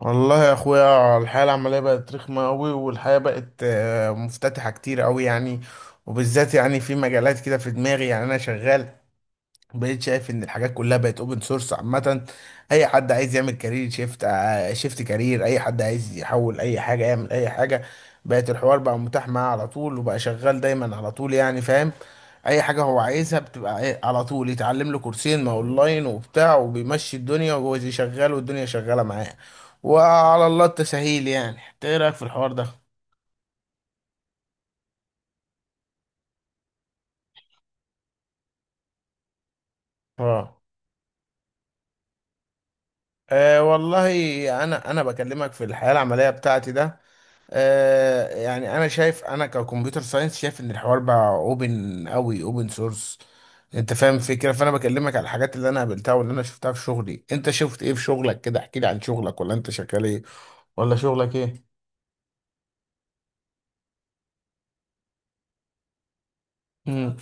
والله يا اخويا الحياه العمليه بقت رخمه قوي، والحياه بقت مفتتحه كتير قوي، يعني وبالذات يعني في مجالات كده في دماغي، يعني انا شغال بقيت شايف ان الحاجات كلها بقت اوبن سورس عامه. اي حد عايز يعمل كارير شيفت، شيفت كارير، اي حد عايز يحول اي حاجه يعمل اي حاجه. بقت الحوار بقى متاح معاه على طول وبقى شغال دايما على طول، يعني فاهم. اي حاجه هو عايزها بتبقى ايه على طول، يتعلم له كورسين ما اونلاين وبتاع وبيمشي الدنيا، وهو زي شغال والدنيا شغاله معاه. وعلى الله التسهيل، يعني إنت ايه رايك في الحوار ده؟ اه. والله انا بكلمك في الحياه العمليه بتاعتي ده. آه، يعني انا شايف، انا ككمبيوتر ساينس شايف ان الحوار بقى اوبن قوي، اوبن سورس. انت فاهم الفكره، فانا بكلمك على الحاجات اللي انا قابلتها واللي انا شفتها في شغلي. انت شفت ايه في شغلك كده؟ احكي لي عن شغلك، ولا انت شغال ايه؟ ولا شغلك ايه؟ امم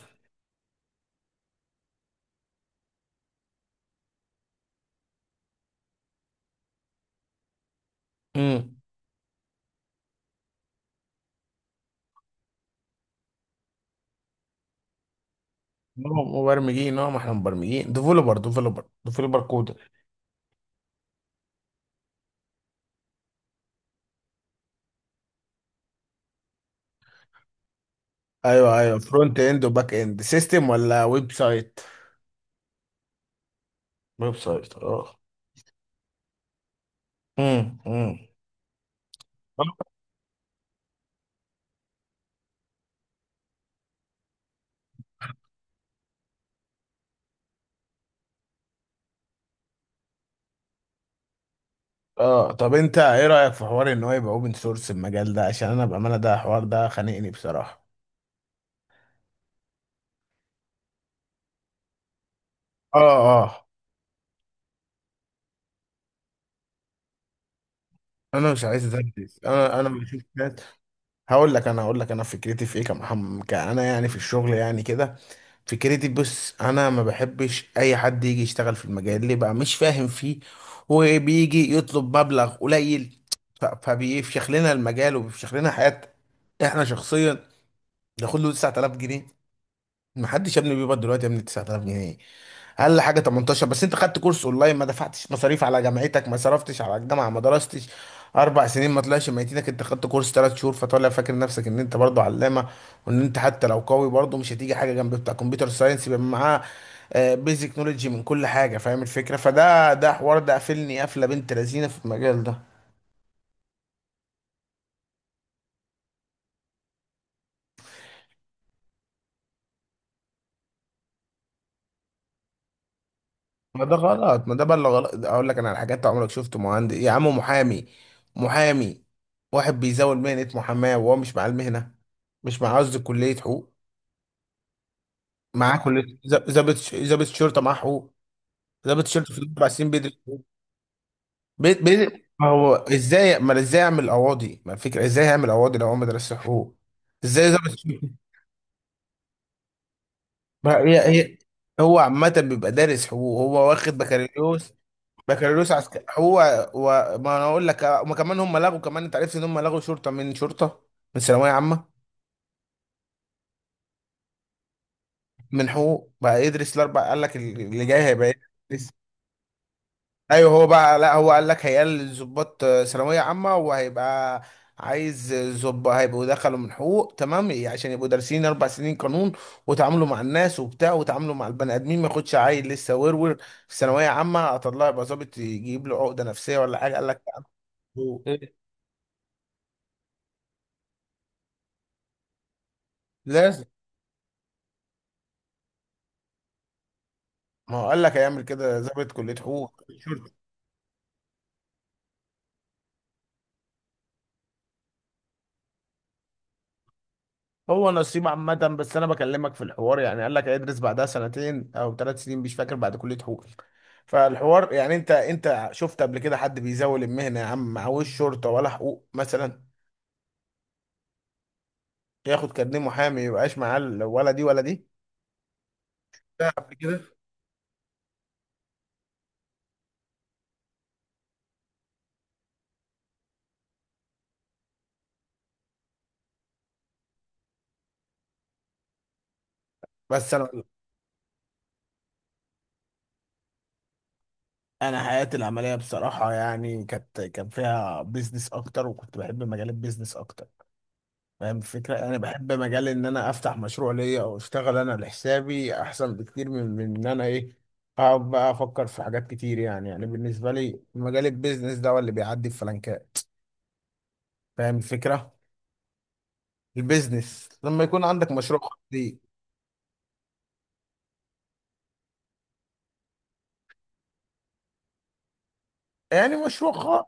امم مبرمجين، اه، ما احنا مبرمجين ديفلوبر، كودر. ايوه ايوه، فرونت اند وباك اند سيستم ولا ويب سايت؟ ويب سايت، اه. امم امم اه، طب انت ايه رأيك في حوار ان هو يبقى اوبن سورس المجال ده؟ عشان انا بأمانة، ده حوار ده خانقني بصراحة. اه. اه، انا مش عايز ادرس، انا بشوف ناس. هقول لك، انا هقول لك انا فكرتي في ايه كمحمد كأنا يعني في الشغل يعني كده. فكرتي بص، انا ما بحبش اي حد يجي يشتغل في المجال اللي بقى مش فاهم فيه، وبيجي يطلب مبلغ قليل. فبيفشخ لنا المجال، وبيفشخ لنا حياة احنا شخصيا. ناخد له 9000 جنيه. ما حدش يا ابني بيقبض دلوقتي يا ابني 9000 جنيه. اقل حاجه 18. بس انت خدت كورس اونلاين، ما دفعتش مصاريف على جامعتك، ما صرفتش على الجامعه، ما درستش اربع سنين، ما طلعش ميتينك. انت خدت كورس ثلاث شهور فطالع فاكر نفسك ان انت برضه علامه، وان انت حتى لو قوي برضه مش هتيجي حاجه جنب بتاع كمبيوتر ساينس يبقى معاه بيزك نولوجي من كل حاجه. فاهم الفكره؟ فده حوار ده قافلني قفله بنت لذينه في المجال ده. ما ده غلط، ما ده بقى اللي غلط. ده اقول لك انا على حاجات. عمرك شفت مهندس يا عم محامي؟ محامي، واحد بيزاول مهنة محاماة وهو مش مع المهنة، مش مع، قصدي كلية حقوق. معاه كلية، ضابط شرطة معاه حقوق. ضابط شرطة في الأربع سنين بيدرس حقوق. ما هو ازاي، ما ازاي يعمل قواضي، ما الفكرة ازاي هيعمل قواضي لو هو ما درسش حقوق؟ ازاي ضابط شرطة؟ ما هي هو عامة بيبقى دارس حقوق، هو واخد بكالوريوس. بكالوريوس عسكري هو، و... ما انا اقول لك، ما كمان هم لغوا، كمان انت عرفت ان هم لغوا شرطه من شرطه من ثانويه عامه. من حقوق بقى يدرس الاربع، قال لك اللي جاي هيبقى يدرس. ايوه هو بقى، لا، هو قال لك هيقل الضباط ثانويه عامه، وهيبقى عايز ظباط هيبقوا دخلوا من حقوق، تمام؟ عشان يبقوا دارسين اربع سنين قانون، وتعاملوا مع الناس وبتاع، وتعاملوا مع البني ادمين. ما ياخدش عيل لسه ورور في ثانويه عامه اطلع يبقى ظابط، يجيب له عقده نفسيه ولا حاجه. قال لك لا، حقوق. إيه؟ لا، ما هو قال لك هيعمل كده، ضابط كلية حقوق شرطة. هو نصيب عامة، بس أنا بكلمك في الحوار، يعني قال لك هيدرس بعدها سنتين أو ثلاث سنين مش فاكر بعد كلية حقوق. فالحوار يعني، أنت شفت قبل كده حد بيزاول المهنة يا عم معهوش شرطة ولا حقوق مثلا؟ ياخد كارنيه محامي ميبقاش معاه ال-، ولا دي ولا دي. لا، قبل كده. بس أنا، أنا حياتي العملية بصراحة يعني كانت، كان فيها بيزنس أكتر، وكنت بحب مجال البيزنس أكتر. فاهم الفكرة؟ أنا بحب مجال إن أنا أفتح مشروع ليا، أو أشتغل أنا لحسابي أحسن بكتير من إن أنا إيه، أقعد بقى أفكر في حاجات كتير. يعني يعني بالنسبة لي مجال البيزنس ده هو اللي بيعدي الفلنكات. فاهم الفكرة؟ البيزنس لما يكون عندك مشروع خاص ليك. يعني مشروع خاص.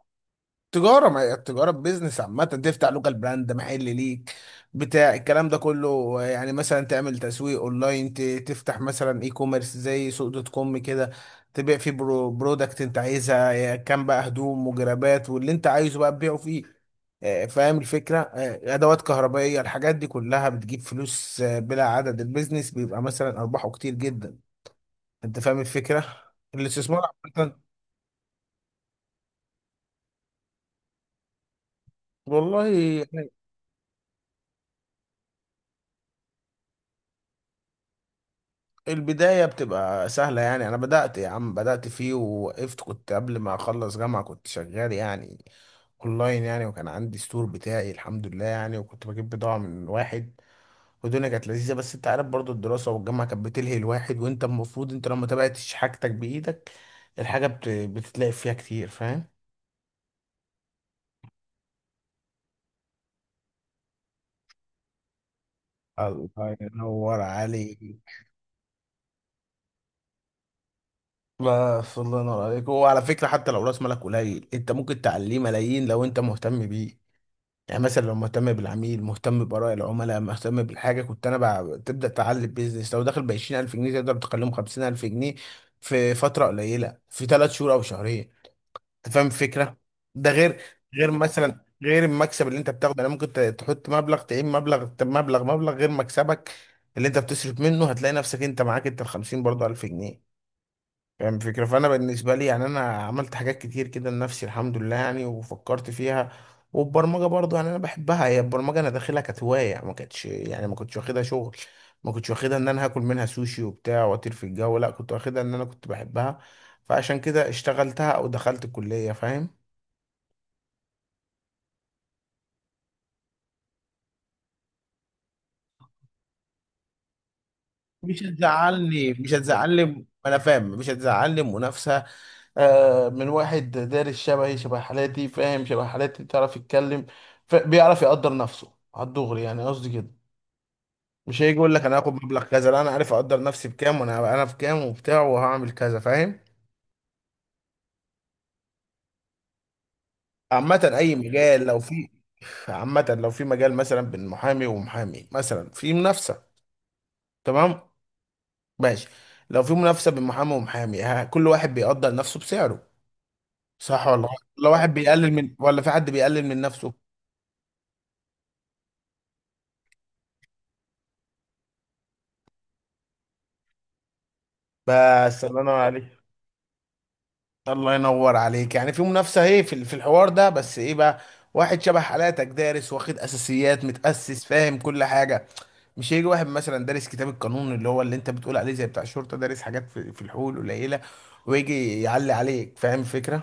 تجارة، ما هي التجارة بيزنس. عامة تفتح لوكال براند محل ليك بتاع الكلام ده كله، يعني مثلا تعمل تسويق اونلاين، تفتح مثلا اي كوميرس زي سوق دوت كوم كده، تبيع فيه برودكت انت عايزها، يا كان بقى هدوم وجرابات واللي انت عايزه بقى تبيعه فيه. فاهم الفكرة؟ ادوات كهربائية، الحاجات دي كلها بتجيب فلوس، بلا عدد. البيزنس بيبقى مثلا ارباحه كتير جدا. انت فاهم الفكرة؟ الاستثمار. عامة، والله البداية بتبقى سهلة، يعني أنا بدأت يا عم، بدأت فيه ووقفت. كنت قبل ما أخلص جامعة كنت شغال يعني أونلاين يعني، وكان عندي ستور بتاعي الحمد لله يعني، وكنت بجيب بضاعة من واحد. والدنيا كانت لذيذة، بس أنت عارف برضو الدراسة والجامعة كانت بتلهي الواحد، وأنت المفروض أنت لو ما تابعتش حاجتك بإيدك، الحاجة بتتلاقي فيها كتير. فاهم؟ الله ينور عليك. بس الله ينور عليك، وعلى فكرة حتى لو رأس مالك قليل أنت ممكن تعليه ملايين لو أنت مهتم بيه. يعني مثلا لو مهتم بالعميل، مهتم بآراء العملاء، مهتم بالحاجة. كنت أنا بقى تبدأ تعلي البيزنس لو داخل بعشرين ألف جنيه تقدر تقلمه خمسين ألف جنيه في فترة قليلة، في ثلاث شهور أو شهرين. أنت فاهم الفكرة؟ ده غير، غير مثلا غير المكسب اللي أنت بتاخده، يعني ممكن تحط مبلغ، تعين مبلغ، مبلغ غير مكسبك اللي أنت بتصرف منه، هتلاقي نفسك أنت معاك أنت ال 50 برضه ألف جنيه. فاهم الفكرة؟ فأنا بالنسبة لي يعني أنا عملت حاجات كتير كده لنفسي الحمد لله يعني، وفكرت فيها. والبرمجة برضو يعني أنا بحبها هي، البرمجة أنا داخلها كانت هواية، ما كانتش يعني، ما كنتش واخدها شغل. ما كنتش واخدها إن أنا هاكل منها سوشي وبتاع وأطير في الجو، لا كنت واخدها إن أنا كنت بحبها. فعشان كده اشتغلتها أو دخلت الكلية، فاهم؟ مش هتزعلني ما انا فاهم، مش هتزعلني منافسه. من واحد دارس شبهي، شبه حالاتي، فاهم شبه حالاتي بتعرف يتكلم. بيعرف يقدر نفسه على الدغري، يعني قصدي كده. مش هيجي يقول لك انا هاخد مبلغ كذا، لا انا عارف اقدر نفسي بكام، وانا هبقى انا في كام وبتاع وهعمل كذا، فاهم؟ عامة اي مجال لو في، عامة لو في مجال مثلا بين محامي ومحامي مثلا في منافسة، تمام؟ ماشي. لو في منافسة بين محامي ومحامي، كل واحد بيقدر نفسه بسعره. صح ولا غلط؟ ولا واحد بيقلل من، ولا في حد بيقلل من نفسه؟ بس الله ينور عليك. الله ينور عليك، يعني في منافسة ايه في في الحوار ده؟ بس ايه بقى، واحد شبه حالاتك دارس واخد اساسيات متأسس فاهم كل حاجة. مش هيجي واحد مثلا دارس كتاب القانون اللي هو اللي انت بتقول عليه زي بتاع الشرطة دارس حاجات في الحقوق القليلة، ويجي يعلي عليك، فاهم الفكرة؟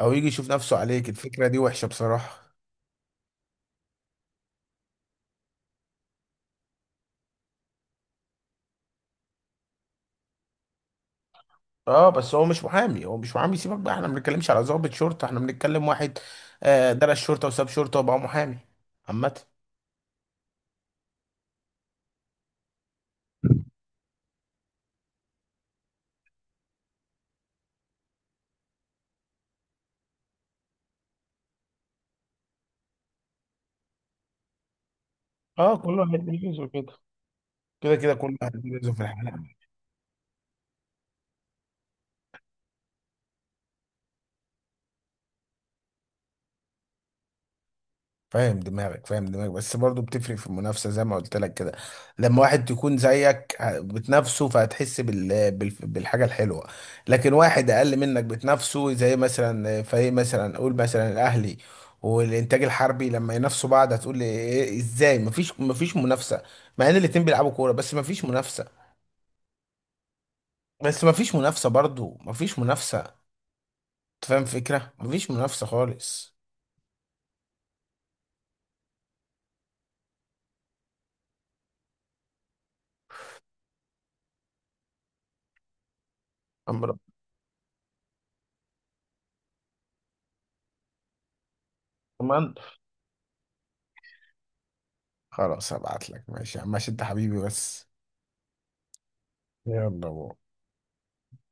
او يجي يشوف نفسه عليك. الفكرة دي وحشة بصراحة. اه، بس هو مش محامي، هو مش محامي. سيبك بقى، احنا ما بنتكلمش على ضابط شرطة، احنا بنتكلم واحد درس شرطة وساب شرطة وبقى محامي. عامة. اه، كل واحد ليه جزء كده، كده كده كل واحد ليه ميزه في الحلقه. فاهم دماغك بس برضو بتفرق في المنافسة زي ما قلت لك كده. لما واحد يكون زيك بتنافسه فهتحس بالحاجة الحلوة. لكن واحد أقل منك بتنافسه زي مثلا فريق مثلا، قول مثلا الأهلي والإنتاج الحربي لما ينافسوا بعض، هتقول لي إيه- إيه، إزاي مفيش منافسة مع إن الاتنين بيلعبوا كورة؟ بس مفيش منافسة. بس مفيش منافسة، أنت فاهم الفكرة، مفيش منافسة خالص. أمر. خلاص هبعت لك، ماشي يا عم، ماشي انت حبيبي. بس يلا بو.